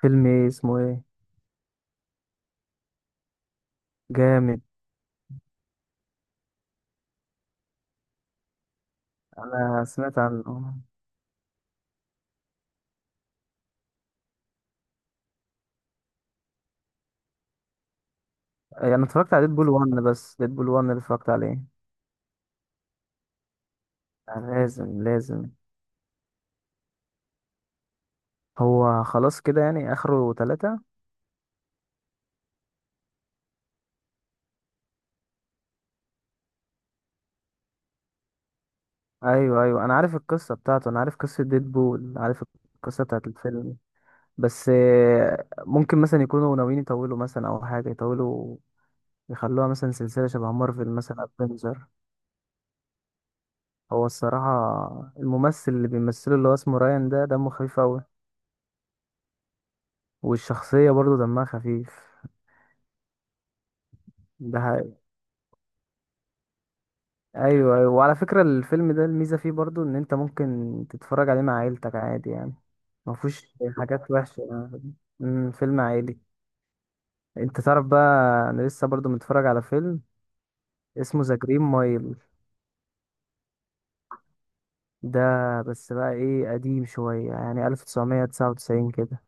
فيلم ايه اسمه ايه؟ جامد. انا سمعت عن انا اتفرجت على ديدبول 1، بس ديدبول 1 اللي اتفرجت عليه. لازم لازم. هو خلاص كده يعني اخره ثلاثة؟ ايوه ايوه، انا عارف القصة بتاعته، انا عارف قصة ديدبول، عارف القصة بتاعت الفيلم. بس ممكن مثلا يكونوا ناويين يطولوا، مثلا او حاجة يطولوا يخلوها مثلا سلسلة شبه مارفل، مثلا افنجر. هو الصراحة الممثل اللي بيمثله اللي هو اسمه رايان ده دمه خفيف اوي. والشخصية برضه دمها خفيف. ده حقيقي. ايوه ايوه، وعلى فكره الفيلم ده الميزه فيه برضو ان انت ممكن تتفرج عليه مع عيلتك عادي يعني. ما فيهوش حاجات وحشه يعني. فيلم عائلي. انت تعرف بقى، انا لسه برضو متفرج على فيلم اسمه ذا جرين مايل ده. بس بقى ايه، قديم شويه يعني 1999 كده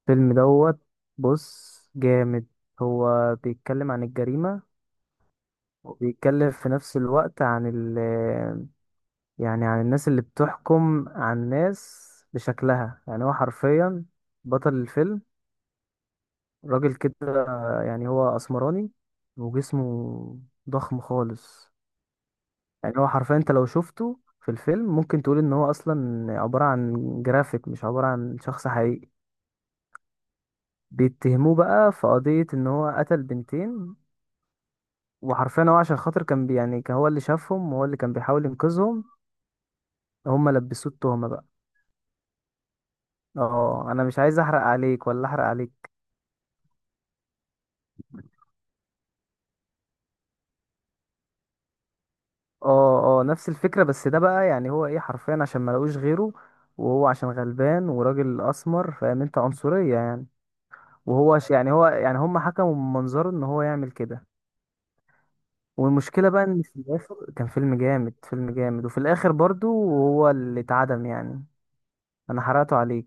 الفيلم دوت. بص جامد، هو بيتكلم عن الجريمه، وبيتكلم في نفس الوقت عن يعني عن الناس اللي بتحكم عن الناس بشكلها. يعني هو حرفيا بطل الفيلم راجل كده، يعني هو اسمراني وجسمه ضخم خالص. يعني هو حرفيا انت لو شفته في الفيلم ممكن تقول ان هو اصلا عبارة عن جرافيك، مش عبارة عن شخص حقيقي. بيتهموه بقى في قضية ان هو قتل بنتين، وحرفيا هو عشان خاطر كان يعني كان هو اللي شافهم وهو اللي كان بيحاول ينقذهم، هما لبسوه التهمة بقى. اه انا مش عايز احرق عليك، ولا احرق عليك. اه اه نفس الفكرة، بس ده بقى يعني هو ايه، حرفيا عشان ما لقوش غيره، وهو عشان غلبان وراجل اسمر، فاهم انت؟ عنصرية يعني. وهو ش- يعني هو يعني هم حكموا من منظره ان هو يعمل كده. والمشكلة بقى ان في الاخر كان فيلم جامد، وفي الاخر برضو هو اللي اتعدم يعني. انا حرقته عليك،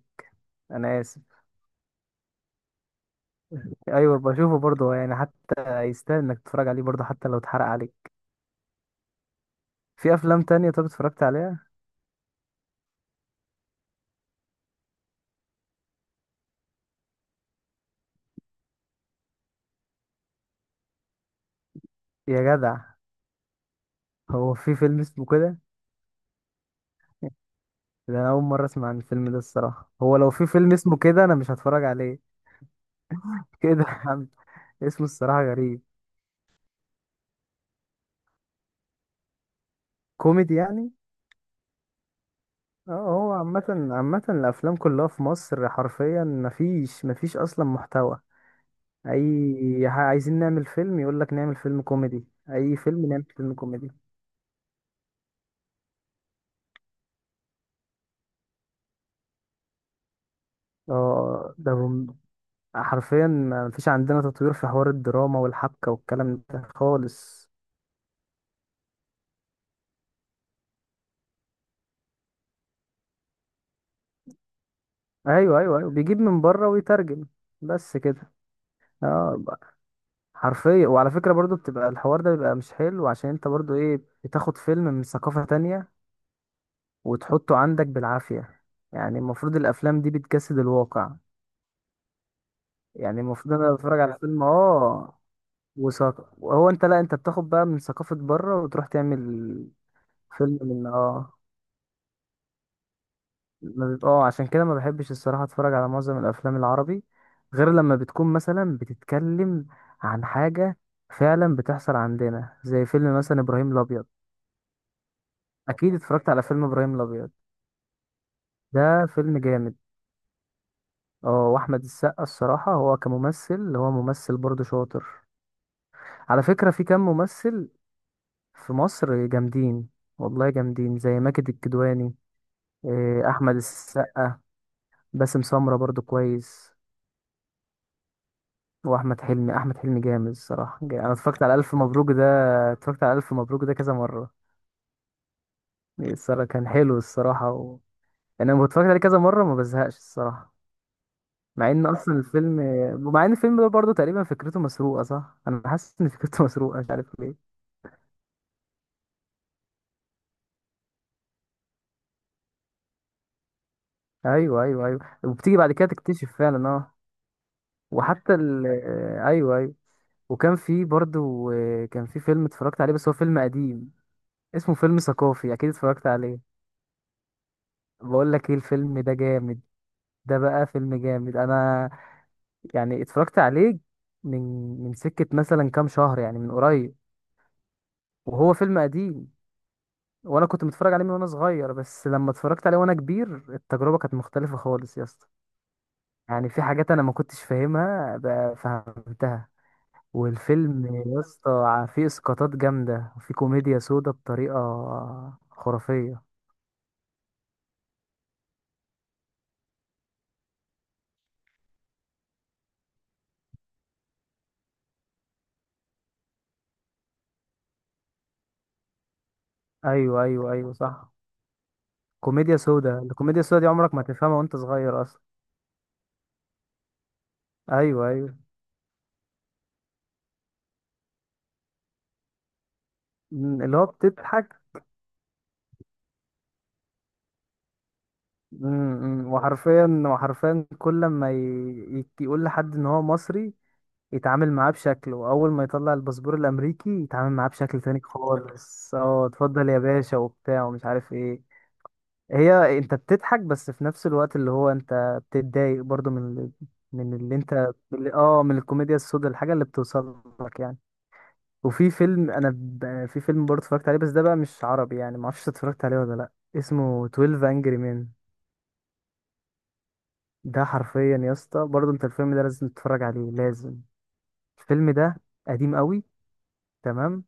انا اسف. ايوه بشوفه برضو، يعني حتى يستاهل انك تتفرج عليه برضو حتى لو اتحرق عليك. في افلام تانية طب اتفرجت عليها؟ يا جدع، هو في فيلم اسمه كده؟ ده أنا أول مرة أسمع عن الفيلم ده الصراحة. هو لو في فيلم اسمه كده أنا مش هتفرج عليه. كده اسمه الصراحة غريب. كوميدي يعني؟ اه هو عامة، عامة الأفلام كلها في مصر حرفيا مفيش أصلا محتوى. أي عايزين نعمل فيلم، يقولك نعمل فيلم كوميدي، أي فيلم نعمل فيلم كوميدي. اه حرفيا مفيش عندنا تطوير في حوار الدراما والحبكة والكلام ده خالص. أيوه أيوه أيوه، بيجيب من بره ويترجم، بس كده. اه حرفيا، وعلى فكرة برضو بتبقى الحوار ده بيبقى مش حلو، عشان انت برضو ايه، بتاخد فيلم من ثقافة تانية وتحطه عندك بالعافية. يعني المفروض الافلام دي بتجسد الواقع. يعني المفروض انا بتفرج على فيلم اه وهو انت لا، انت بتاخد بقى من ثقافة بره وتروح تعمل فيلم من اه ما بيبقى- اه عشان كده ما بحبش الصراحة اتفرج على معظم الافلام العربي، غير لما بتكون مثلا بتتكلم عن حاجة فعلا بتحصل عندنا، زي فيلم مثلا ابراهيم الابيض. اكيد اتفرجت على فيلم ابراهيم الابيض، ده فيلم جامد. اه واحمد السقا الصراحه هو كممثل، هو ممثل برضه شاطر. على فكره في كام ممثل في مصر جامدين، والله جامدين، زي ماجد الكدواني، احمد السقا، باسم سمره برضه كويس، واحمد حلمي. احمد حلمي جامد الصراحه. انا اتفرجت على الف مبروك ده، اتفرجت على الف مبروك ده كذا مره. الصراحه كان حلو الصراحه و... يعني انا اتفرجت عليه كذا مره، ما بزهقش الصراحه. مع ان اصلا الفيلم، ومع ان الفيلم ده برضه تقريبا فكرته مسروقه، صح انا حاسس ان فكرته مسروقه، مش عارف ليه. ايوه ايوه ايوه، وبتيجي بعد كده تكتشف فعلا اه. وحتى ال آه، ايوه ايوه. وكان في برضه، كان في فيلم اتفرجت عليه بس هو فيلم قديم، اسمه فيلم ثقافي، اكيد اتفرجت عليه. بقول لك ايه الفيلم ده جامد. ده بقى فيلم جامد. انا يعني اتفرجت عليه من من سكة مثلا كام شهر يعني، من قريب. وهو فيلم قديم، وانا كنت متفرج عليه من وانا صغير، بس لما اتفرجت عليه وانا كبير التجربه كانت مختلفه خالص يا اسطى. يعني في حاجات انا ما كنتش فاهمها بقى فهمتها. والفيلم يا اسطى فيه اسقاطات جامده، وفيه كوميديا سودا بطريقه خرافيه. ايوه ايوه ايوه صح، كوميديا سودا. الكوميديا السودا دي عمرك ما تفهمها وانت صغير اصلا. ايوه ايوه. أمم، اللي هو بتضحك. أمم، أمم، وحرفيا، وحرفيا كل ما ي... يك- يقول لحد ان هو مصري يتعامل معاه بشكل، واول ما يطلع الباسبور الامريكي يتعامل معاه بشكل تاني خالص. اه اتفضل يا باشا وبتاع ومش عارف ايه. هي انت بتضحك، بس في نفس الوقت اللي هو انت بتتضايق برضو من ال- من اللي انت من اللي اه من الكوميديا السوداء، الحاجه اللي بتوصل لك يعني. وفي فيلم انا ب... في فيلم برضه اتفرجت عليه، بس ده بقى مش عربي يعني، ما اعرفش اتفرجت عليه ولا لا. اسمه 12 انجري مان. ده حرفيا يا اسطى برضه، انت الفيلم ده لازم تتفرج عليه لازم. الفيلم ده قديم قوي. تمام.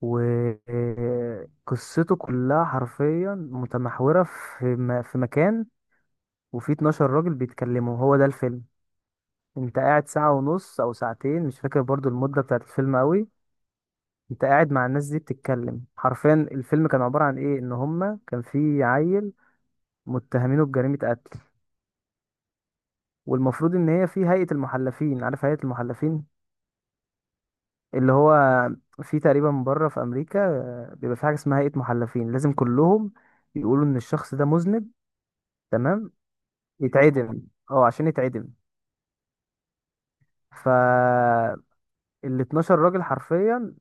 وقصته كلها حرفيا متمحورة في في مكان، وفي 12 راجل بيتكلموا، هو ده الفيلم. انت قاعد ساعة ونص او ساعتين، مش فاكر برضو المدة بتاعت الفيلم قوي. انت قاعد مع الناس دي بتتكلم. حرفيا الفيلم كان عبارة عن ايه، ان هما كان في عيل متهمينه بجريمة قتل. والمفروض ان هي في هيئة المحلفين، عارف هيئة المحلفين اللي هو في تقريبا بره في امريكا بيبقى في حاجة اسمها هيئة محلفين، لازم كلهم يقولوا ان الشخص ده مذنب. تمام. يتعدم، اه عشان يتعدم. فال 12 راجل حرفيا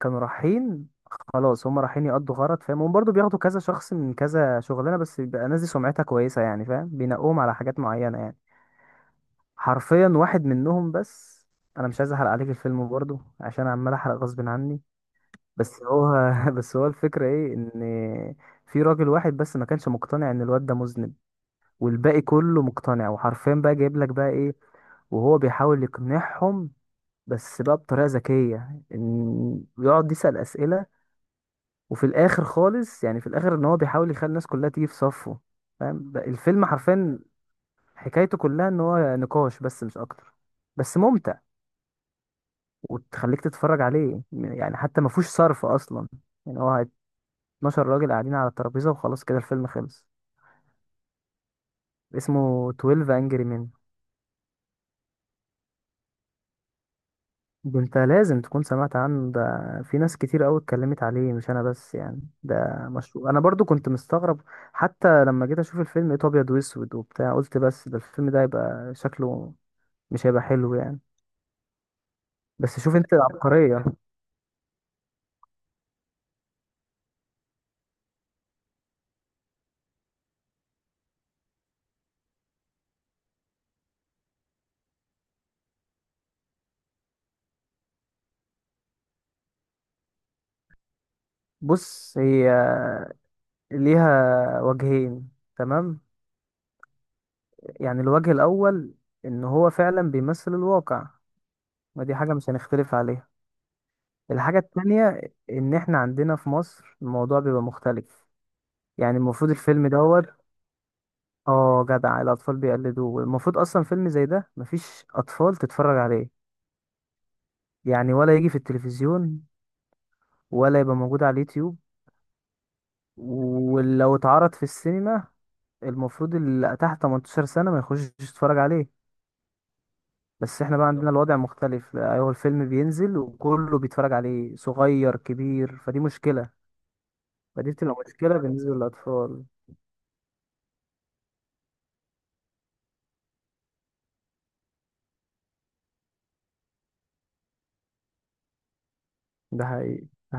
كانوا رايحين، خلاص هم رايحين يقضوا غرض، فاهم؟ هم برضه بياخدوا كذا شخص من كذا شغلانه، بس بيبقى الناس دي سمعتها كويسه يعني، فاهم؟ بينقوهم على حاجات معينه يعني. حرفيا واحد منهم بس، انا مش عايز احرق عليك الفيلم برضه، عشان عمال احرق غصب عني. بس هو بس هو الفكره ايه، ان في راجل واحد بس ما كانش مقتنع ان الواد ده مذنب، والباقي كله مقتنع. وحرفيا بقى جايب لك بقى ايه، وهو بيحاول يقنعهم بس بقى بطريقة ذكية، ان يقعد يسأل أسئلة. وفي الآخر خالص يعني في الآخر ان هو بيحاول يخلي الناس كلها تيجي في صفه. فاهم بقى الفيلم حرفيا حكايته كلها ان هو نقاش بس، مش اكتر، بس ممتع. وتخليك تتفرج عليه يعني، حتى ما فيهوش صرف اصلا. يعني هو 12 راجل قاعدين على الترابيزة، وخلاص كده الفيلم خلص. اسمه 12 Angry Men. ده انت لازم تكون سمعت عنه ده، في ناس كتير قوي اتكلمت عليه مش انا بس يعني. ده مشروع. انا برضو كنت مستغرب، حتى لما جيت اشوف الفيلم لقيته ابيض واسود وبتاع، قلت بس ده الفيلم ده هيبقى شكله مش هيبقى حلو يعني. بس شوف انت العبقرية. بص هي ليها وجهين، تمام؟ يعني الوجه الاول ان هو فعلا بيمثل الواقع، ودي حاجة مش هنختلف عليها. الحاجة التانية، ان احنا عندنا في مصر الموضوع بيبقى مختلف. يعني المفروض الفيلم دوت، اه جدع الأطفال بيقلدوه، المفروض أصلا فيلم زي ده مفيش أطفال تتفرج عليه، يعني ولا يجي في التلفزيون، ولا يبقى موجود على اليوتيوب. ولو اتعرض في السينما المفروض اللي تحت 18 سنة ما يخشش يتفرج عليه. بس احنا بقى عندنا الوضع مختلف، لا، هو الفيلم بينزل وكله بيتفرج عليه صغير كبير، فدي مشكلة. فدي بتبقى مشكلة بالنسبة للأطفال. ده حقيقي. ده